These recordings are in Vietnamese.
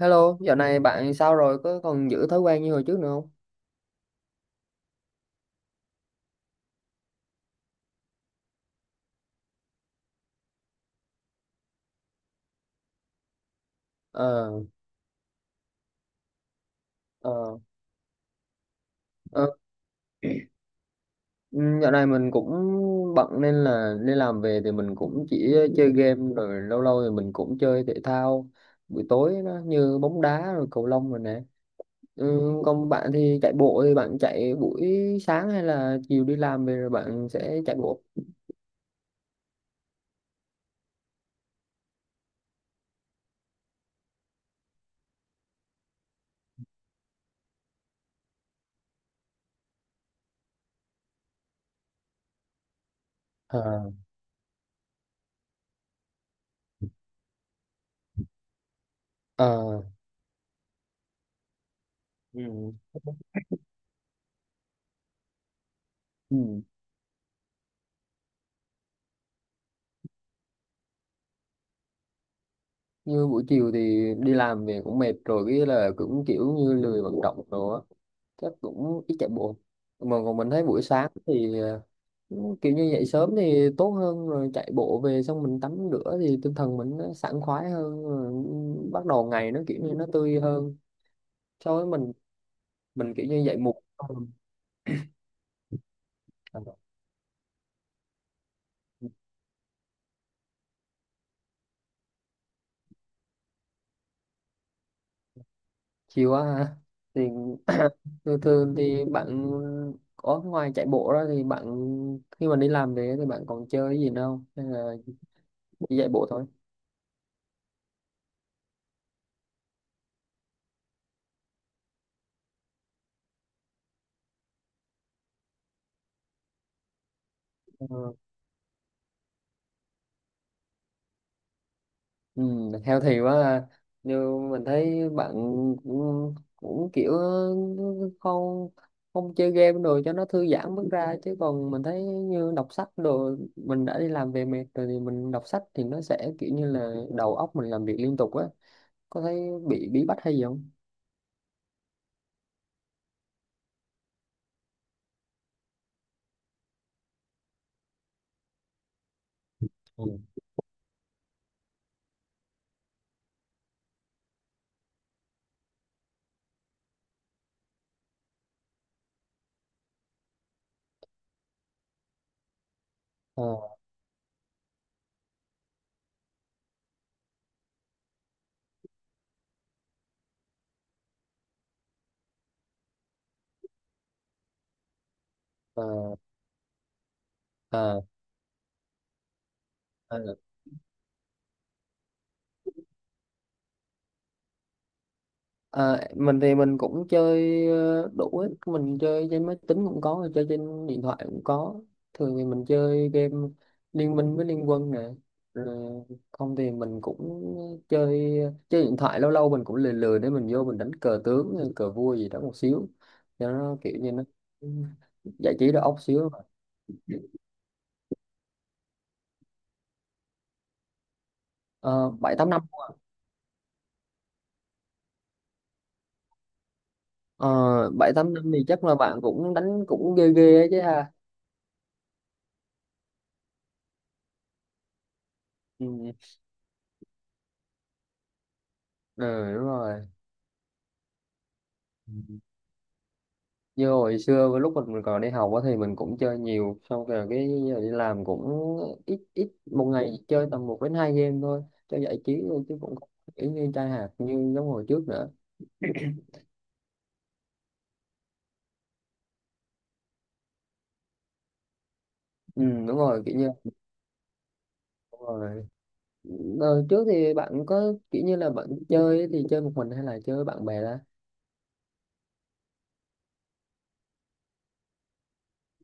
Hello, dạo này bạn sao rồi? Có còn giữ thói quen như hồi trước nữa không? Ờ, ờ, ờ. Ừ, dạo này mình cũng bận nên là đi làm về thì mình cũng chỉ chơi game rồi lâu lâu thì mình cũng chơi thể thao buổi tối nó như bóng đá rồi cầu lông rồi nè. Ừ, còn bạn thì chạy bộ thì bạn chạy buổi sáng hay là chiều đi làm về rồi bạn sẽ chạy bộ? Ờ, ờ, ừ, ừ. Như buổi chiều thì đi làm về cũng mệt rồi cái là cũng kiểu như lười vận động rồi á, chắc cũng ít chạy bộ. Mà còn mình thấy buổi sáng thì kiểu như dậy sớm thì tốt hơn, rồi chạy bộ về xong mình tắm rửa thì tinh thần mình nó sảng khoái hơn, rồi bắt đầu ngày nó kiểu như nó tươi hơn so với mình kiểu như dậy muộn. Chiều á hả? Thì thường thường thì bạn có, ngoài chạy bộ ra thì bạn khi mà đi làm về thì bạn còn chơi cái gì nữa không, hay là chỉ chạy bộ thôi? Ừ, healthy quá ha. Nhưng mình thấy bạn cũng kiểu không không chơi game đồ cho nó thư giãn bước ra, chứ còn mình thấy như đọc sách đồ, mình đã đi làm về mệt rồi thì mình đọc sách thì nó sẽ kiểu như là đầu óc mình làm việc liên tục á, có thấy bị bí bách hay gì không? Ừ. Ờ, ờ, ờ. ờ. Ờ, mình thì mình cũng chơi đủ ấy. Mình chơi trên máy tính cũng có, chơi trên điện thoại cũng có. Thường thì mình chơi game Liên Minh với Liên Quân nè. Rồi không thì mình cũng chơi chơi điện thoại, lâu lâu mình cũng lười lười để mình vô mình đánh cờ tướng, hay cờ vua gì đó một xíu. Cho nó kiểu như nó giải trí đầu óc xíu. Ờ, bảy tám năm. Ờ, bảy tám năm thì chắc là bạn cũng đánh cũng ghê ghê ấy chứ ha. Ừ, ừ đúng rồi. Như hồi xưa với lúc mình còn đi học á thì mình cũng chơi nhiều, xong rồi cái giờ đi làm cũng ít, ít một ngày chơi tầm một đến hai game thôi cho giải trí thôi, chứ cũng không kiểu như trai hạt như giống hồi trước nữa. Ừ, đúng rồi, kiểu như đúng rồi. Đời trước thì bạn có kiểu như là bạn chơi thì chơi một mình hay là chơi với bạn bè đó?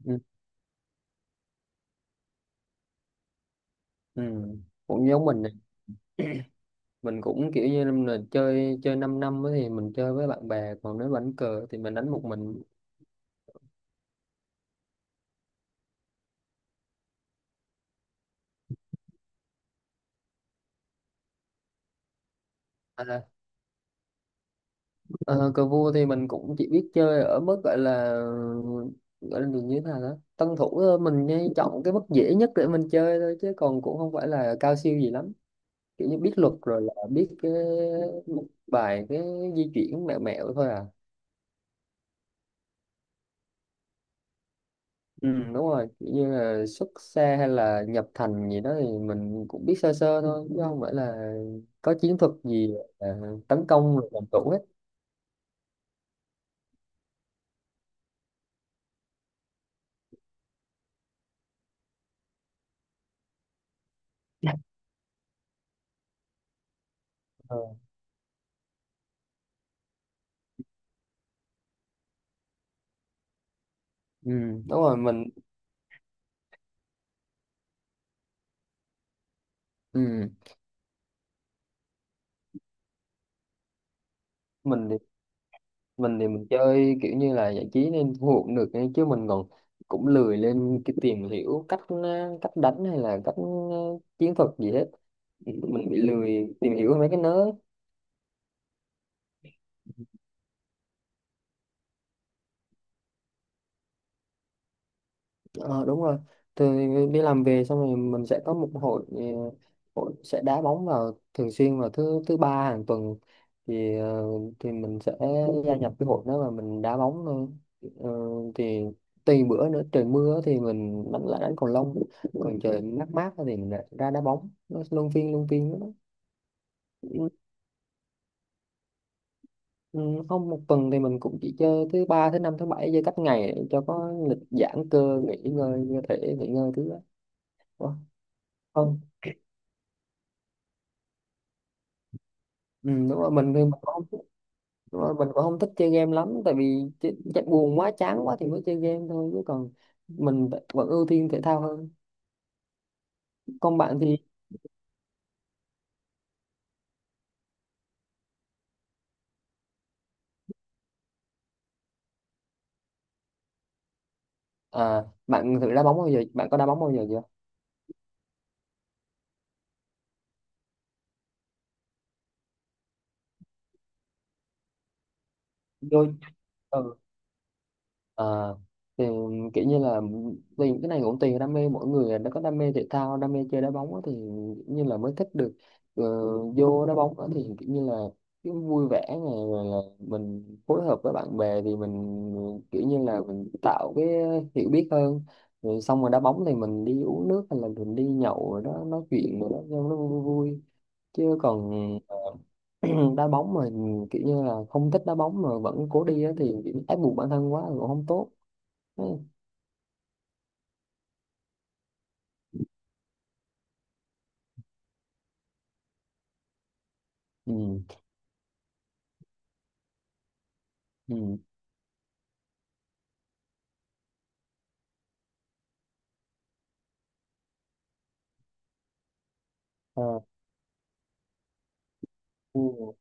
ừ, ừ. Cũng giống mình này, mình cũng kiểu như là chơi chơi 5 năm năm á thì mình chơi với bạn bè, còn nếu đánh cờ thì mình đánh một mình. À, ờ, cờ vua thì mình cũng chỉ biết chơi ở mức gọi là như thế nào đó tân thủ thôi, mình nhây chọn cái mức dễ nhất để mình chơi thôi, chứ còn cũng không phải là cao siêu gì lắm, kiểu như biết luật rồi là biết một vài cái di chuyển mẹo mẹo thôi à. Ừ, đúng rồi, kiểu như là xuất xa hay là nhập thành gì đó thì mình cũng biết sơ sơ thôi, chứ không phải là có chiến thuật gì à, tấn công rồi làm chủ hết. Ờ. Ừ, đúng rồi mình. ừ. mình mình thì mình chơi kiểu như là giải trí nên thu hút được ấy, chứ mình còn cũng lười lên cái tìm hiểu cách cách đánh hay là cách chiến thuật gì hết, mình bị lười tìm hiểu mấy cái nớ. Ờ, đúng rồi, từ đi làm về xong rồi mình sẽ có một hội, ờ, hội sẽ đá bóng vào thường xuyên vào thứ thứ ba hàng tuần, thì thì mình sẽ gia nhập cái hội đó và mình đá bóng thôi. Ờ, thì tùy bữa nữa, trời mưa thì mình đánh, lại đánh cầu lông, còn trời mát mát thì mình lại ra đá bóng, nó luân phiên đó. Ừ, ừ, không, một tuần thì mình cũng chỉ chơi thứ ba thứ năm thứ bảy, chơi cách ngày để cho có lịch giãn cơ nghỉ ngơi, cơ thể nghỉ ngơi thứ đó. Ủa? Không, ừ, đúng rồi mình thì mình cũng không thích-, đúng rồi, mình cũng không thích chơi game lắm, tại vì buồn quá chán quá thì mới chơi game thôi, chứ còn mình vẫn ưu tiên thể thao hơn. Còn bạn thì à, bạn thử đá bóng bao giờ, bạn có đá bóng bao giờ chưa? Rồi. À, thì kiểu như là vì cái này cũng tùy đam mê mỗi người, đã có đam mê thể thao, đam mê chơi đá bóng á thì kiểu như là mới thích được ờ, vô đá bóng á, thì kiểu như là cái vui vẻ này, rồi là mình phối hợp với bạn bè thì mình kiểu như là mình tạo cái hiểu biết hơn, rồi xong rồi đá bóng thì mình đi uống nước hay là mình đi nhậu rồi đó, nói chuyện rồi đó cho nó vui vui, chứ còn đá bóng mà kiểu như là không thích đá bóng mà vẫn cố đi á, thì kiểu ép buộc bản thân quá là cũng không tốt. ừ. Ừ. Ừ. À, ừ.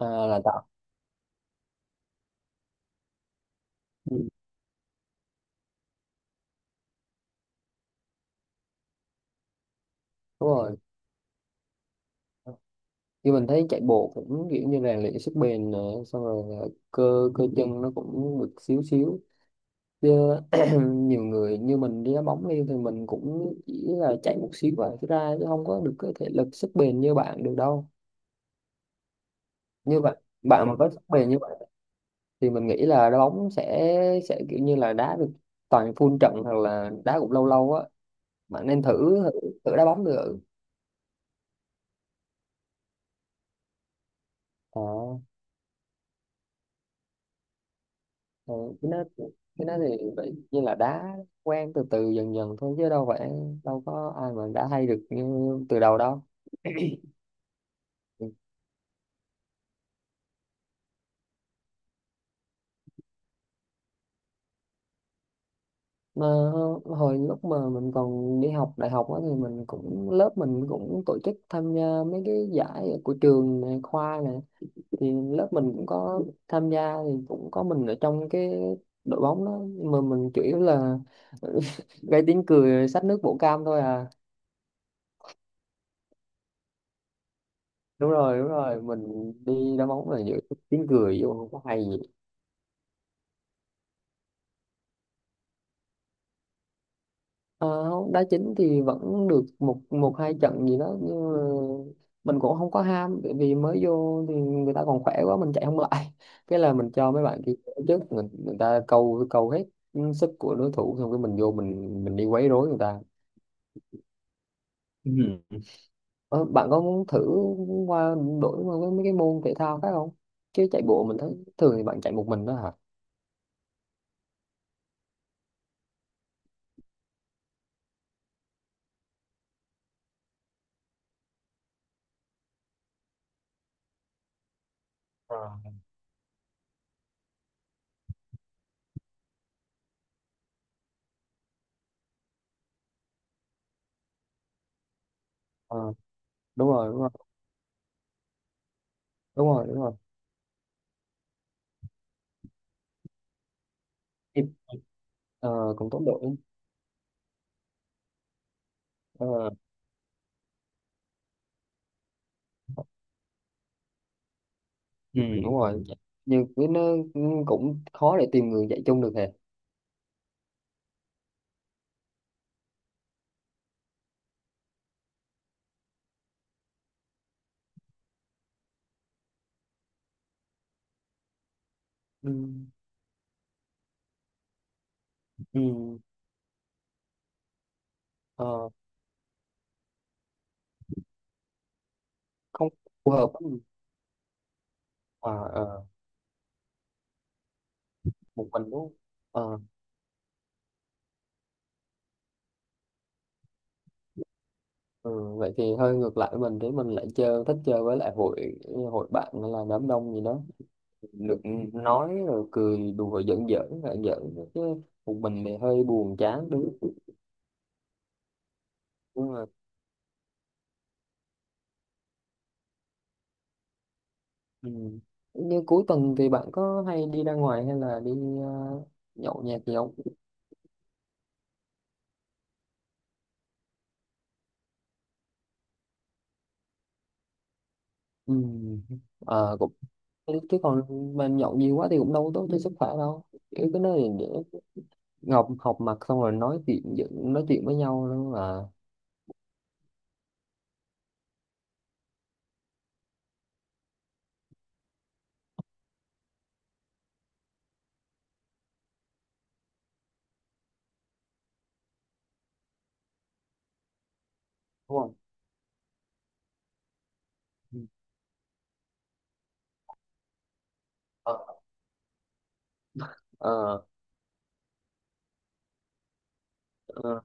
À, là tạo. ừ. Đúng rồi, như mình thấy chạy bộ cũng kiểu như rèn luyện sức bền nè, xong rồi là cơ cơ chân nó cũng được xíu xíu, chứ nhiều người như mình đi đá bóng đi thì mình cũng chỉ là chạy một xíu và cái ra, chứ không có được cái thể lực sức bền như bạn được đâu. Như bạn, bạn mà có sức bền như thì mình nghĩ là đá bóng sẽ kiểu như là đá được toàn full trận hoặc là đá cũng lâu lâu á, bạn nên thử thử đá bóng được. ờ ờ, cái đó cái đó thì vậy như là đá quen từ từ dần dần thôi chứ đâu phải, đâu có ai mà đã hay được như từ đầu đâu. Mà hồi lúc mà mình còn đi học đại học á thì mình cũng, lớp mình cũng tổ chức tham gia mấy cái giải của trường này, khoa này, thì lớp mình cũng có tham gia, thì cũng có mình ở trong cái đội bóng đó, nhưng mà mình chủ yếu là gây tiếng cười xách nước bổ cam thôi à. Đúng rồi đúng rồi, mình đi đá bóng là giữ tiếng cười vô, không có hay gì. Ờ, không, đá chính thì vẫn được một, một hai trận gì đó nhưng mà mình cũng không có ham, bởi vì mới vô thì người ta còn khỏe quá, mình chạy không lại, cái là mình cho mấy bạn kia ở trước, người ta câu câu hết sức của đối thủ, xong cái mình vô mình đi quấy rối người ta. Ờ, bạn có muốn thử qua, đổi qua với mấy cái môn thể thao khác không? Chứ chạy bộ mình thấy thường thì bạn chạy một mình đó hả? Ờ, Ờ, đúng rồi, đúng rồi, đúng rồi, đúng rồi. Thì, Ờ, cũng tốc độ. Ờ, ừ. Đúng rồi. Nhưng với nó cũng khó để tìm người chạy chung được hề. Ừ, ừ, ờ, Không phù hợp với. À, ờ, Một mình đúng không? Ờ, ừ, vậy thì hơi ngược lại với mình, thì mình lại chơi, thích chơi với lại hội, hội bạn hay là đám đông gì đó, được nói rồi cười đùa, giỡn giỡn là giỡn chứ một mình thì hơi buồn chán đúng không? Nhưng mà ừ. Như cuối tuần thì bạn có hay đi ra ngoài hay là đi ờ, nhậu nhẹt gì không? Ừ. Ờ, cũng chứ còn mà nhậu nhiều quá thì cũng đâu tốt cho sức khỏe đâu, cái nơi để ngọc học mặt xong rồi nói chuyện giỡn-, nói chuyện với nhau luôn mà, đúng không? Ừ. Ờ, ờ, ờ,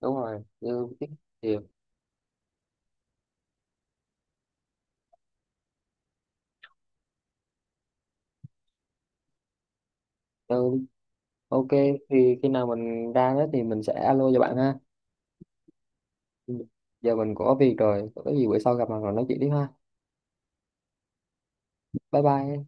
Đúng rồi như, tiếng thì, ok, thì khi nào mình ra đó thì mình sẽ alo cho bạn ha. Giờ mình có việc rồi, có gì bữa sau gặp mặt rồi nói chuyện tiếp ha. Bye bye.